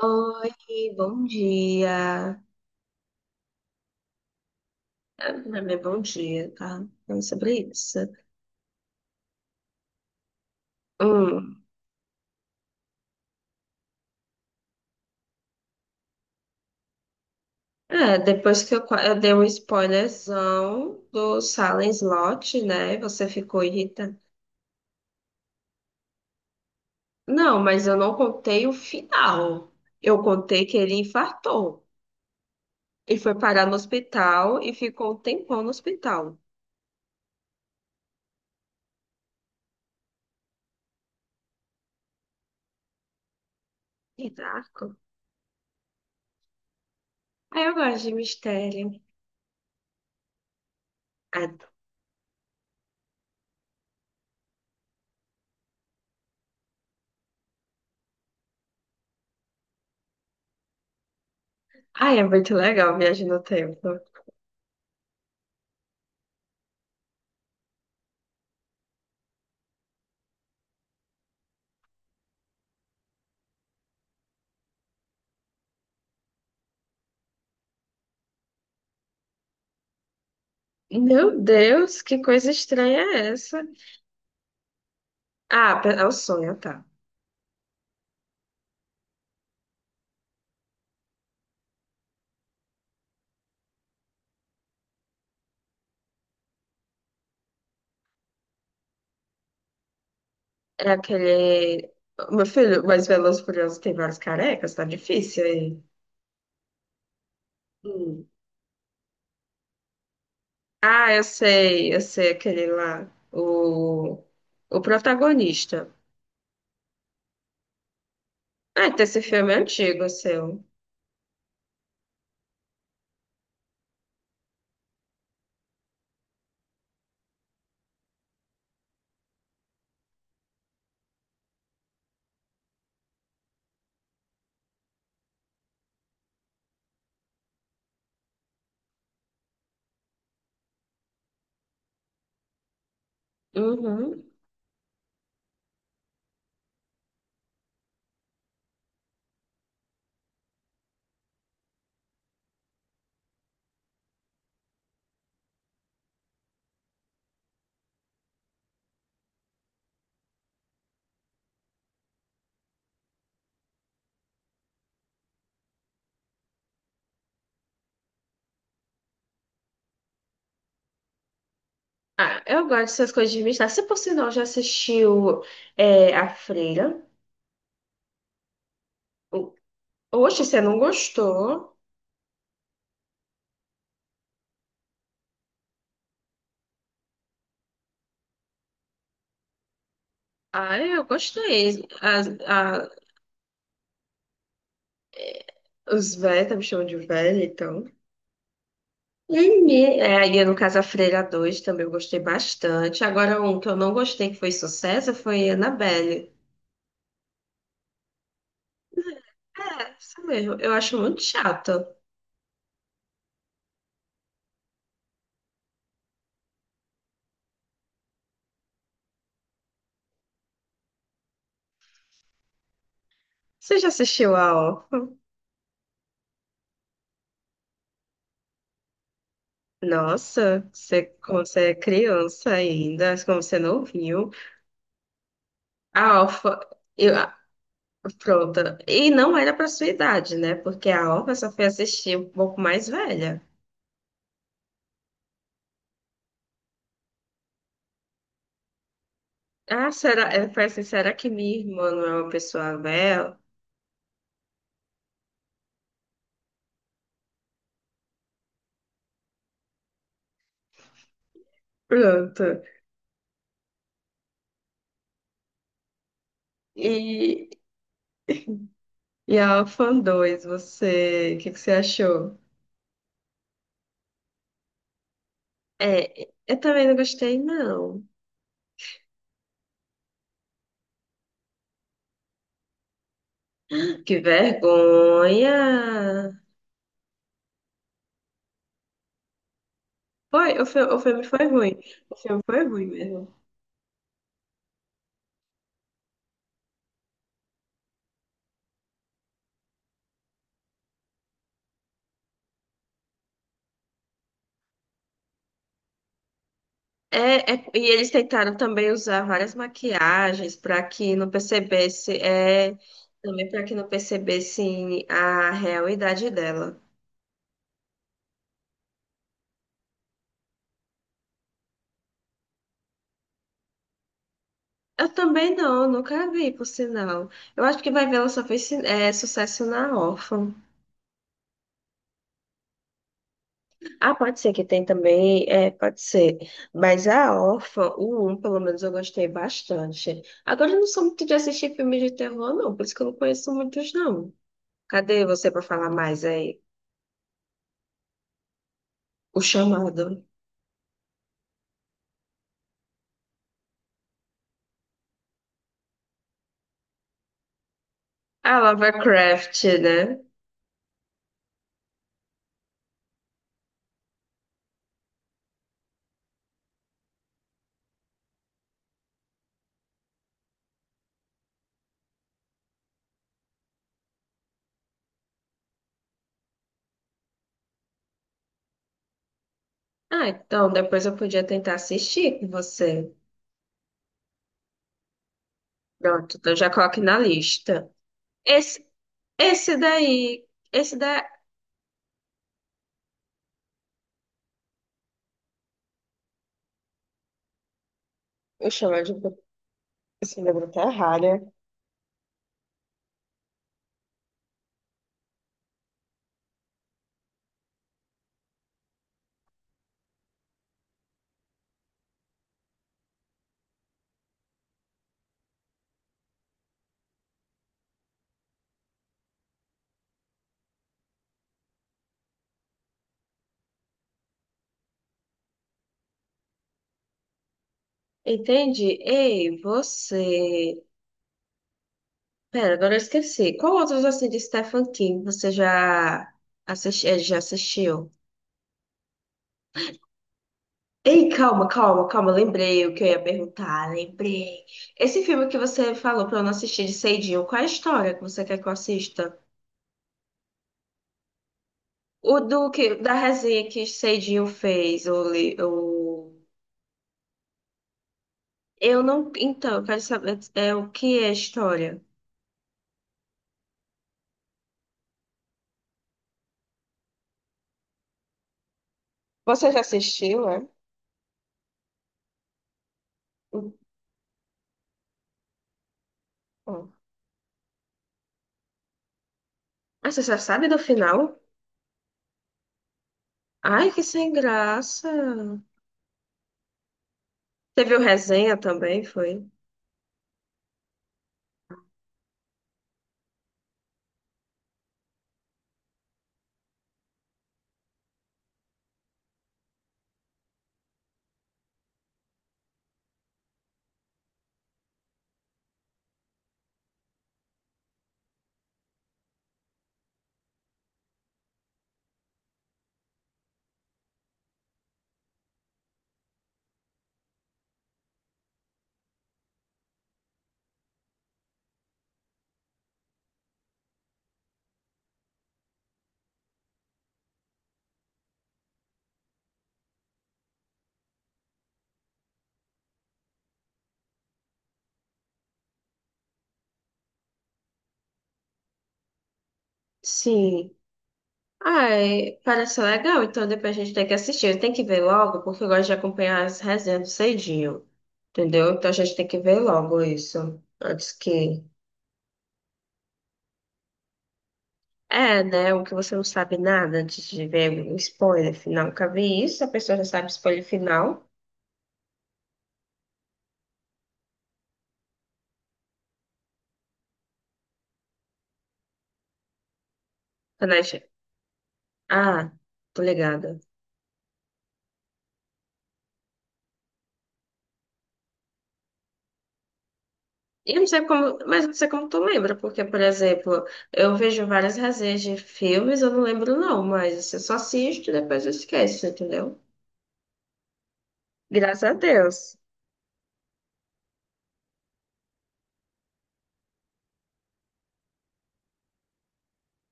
Oi, bom dia. Ah, não é bom dia, tá? Não é sobre isso. Hum. É, depois que eu dei um spoilerzão do Silent Slot, né? Você ficou irritada. Não, mas eu não contei o final. Eu contei que ele infartou. E foi parar no hospital e ficou um tempão no hospital. Que darko. Aí eu gosto de mistério. Ah, ah, é muito legal Viagem no Tempo. Meu Deus, que coisa estranha é essa? É o sonho, tá. É aquele. Meu filho, mas Velozes e Furiosos tem vários carecas, tá difícil aí. Hum. Ah, eu sei aquele lá. O protagonista. Ah, então esse filme é antigo, seu. Uhum. Ah, eu gosto dessas coisas de mistério. Você, por sinal, já assistiu A Freira? O- Oxe, você não gostou? Ah, eu gostei. As, a, os velhos, tá me chamando de velho, então. No Ilha do Casafreira 2 também eu gostei bastante. Agora, um que eu não gostei, que foi sucesso, foi Annabelle. É, isso mesmo. Eu acho muito chato. Você já assistiu a ó? Nossa, você, como você é criança ainda, como você não viu. A Alfa, eu, ah, pronto. E não era pra sua idade, né? Porque a Alfa só foi assistir um pouco mais velha. Ah, será? Eu falei assim, será que minha irmã não é uma pessoa velha? Pronto. E E a Fan 2, você, o que que você achou? É, eu também não gostei, não. Que vergonha! O filme foi ruim. O filme foi ruim mesmo. É, é- e eles tentaram também usar várias maquiagens para que não percebesse, é, também para que não percebessem a realidade dela. Eu também não, nunca vi, por sinal. Eu acho que vai ver, ela só fez, é, sucesso na órfã. Ah, pode ser que tem também, é, pode ser. Mas a Órfã, o 1, pelo menos eu gostei bastante. Agora eu não sou muito de assistir filmes de terror, não, por isso que eu não conheço muitos, não. Cadê você para falar mais aí? O Chamado. Ah, Lovecraft, né? Ah, então depois eu podia tentar assistir com você. Pronto, então já coloque na lista. Esse, esse daí, esse da... O Chamado, esse livro tá errado, né? Entendi. Ei, você. Pera, agora eu esqueci. Qual outros assim de Stephen King você já, já assistiu? Ei, calma, calma, calma, lembrei o que eu ia perguntar, lembrei. Esse filme que você falou pra eu não assistir de Seidinho, qual é a história que você quer que eu assista? O do que, da resenha que Seidinho fez, o, li- o... Eu não... Então, eu quero saber é, o que é a história. Você já assistiu, é? Hum. Ah, você já sabe do final? Ai, que sem graça. Teve o resenha também, foi? Sim. Ai, parece legal, então depois a gente tem que assistir. Tem que ver logo, porque eu gosto de acompanhar as resenhas cedinho. Entendeu? Então a gente tem que ver logo isso. Antes que. É, né? O que você não sabe nada antes de ver o spoiler final. Nunca vi isso, a pessoa já sabe o spoiler final. Quando a gente- Ah, tô ligada. Eu não sei como, mas não sei como tu lembra, porque, por exemplo, eu vejo várias resenhas de filmes, eu não lembro não, mas assim, eu só assisto e depois eu esqueço, entendeu? Graças a Deus.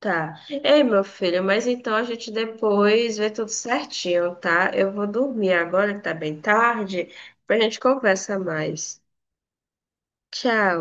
Tá. Ei, meu filho, mas então a gente depois vê tudo certinho, tá? Eu vou dormir agora, que tá bem tarde, pra gente conversa mais. Tchau.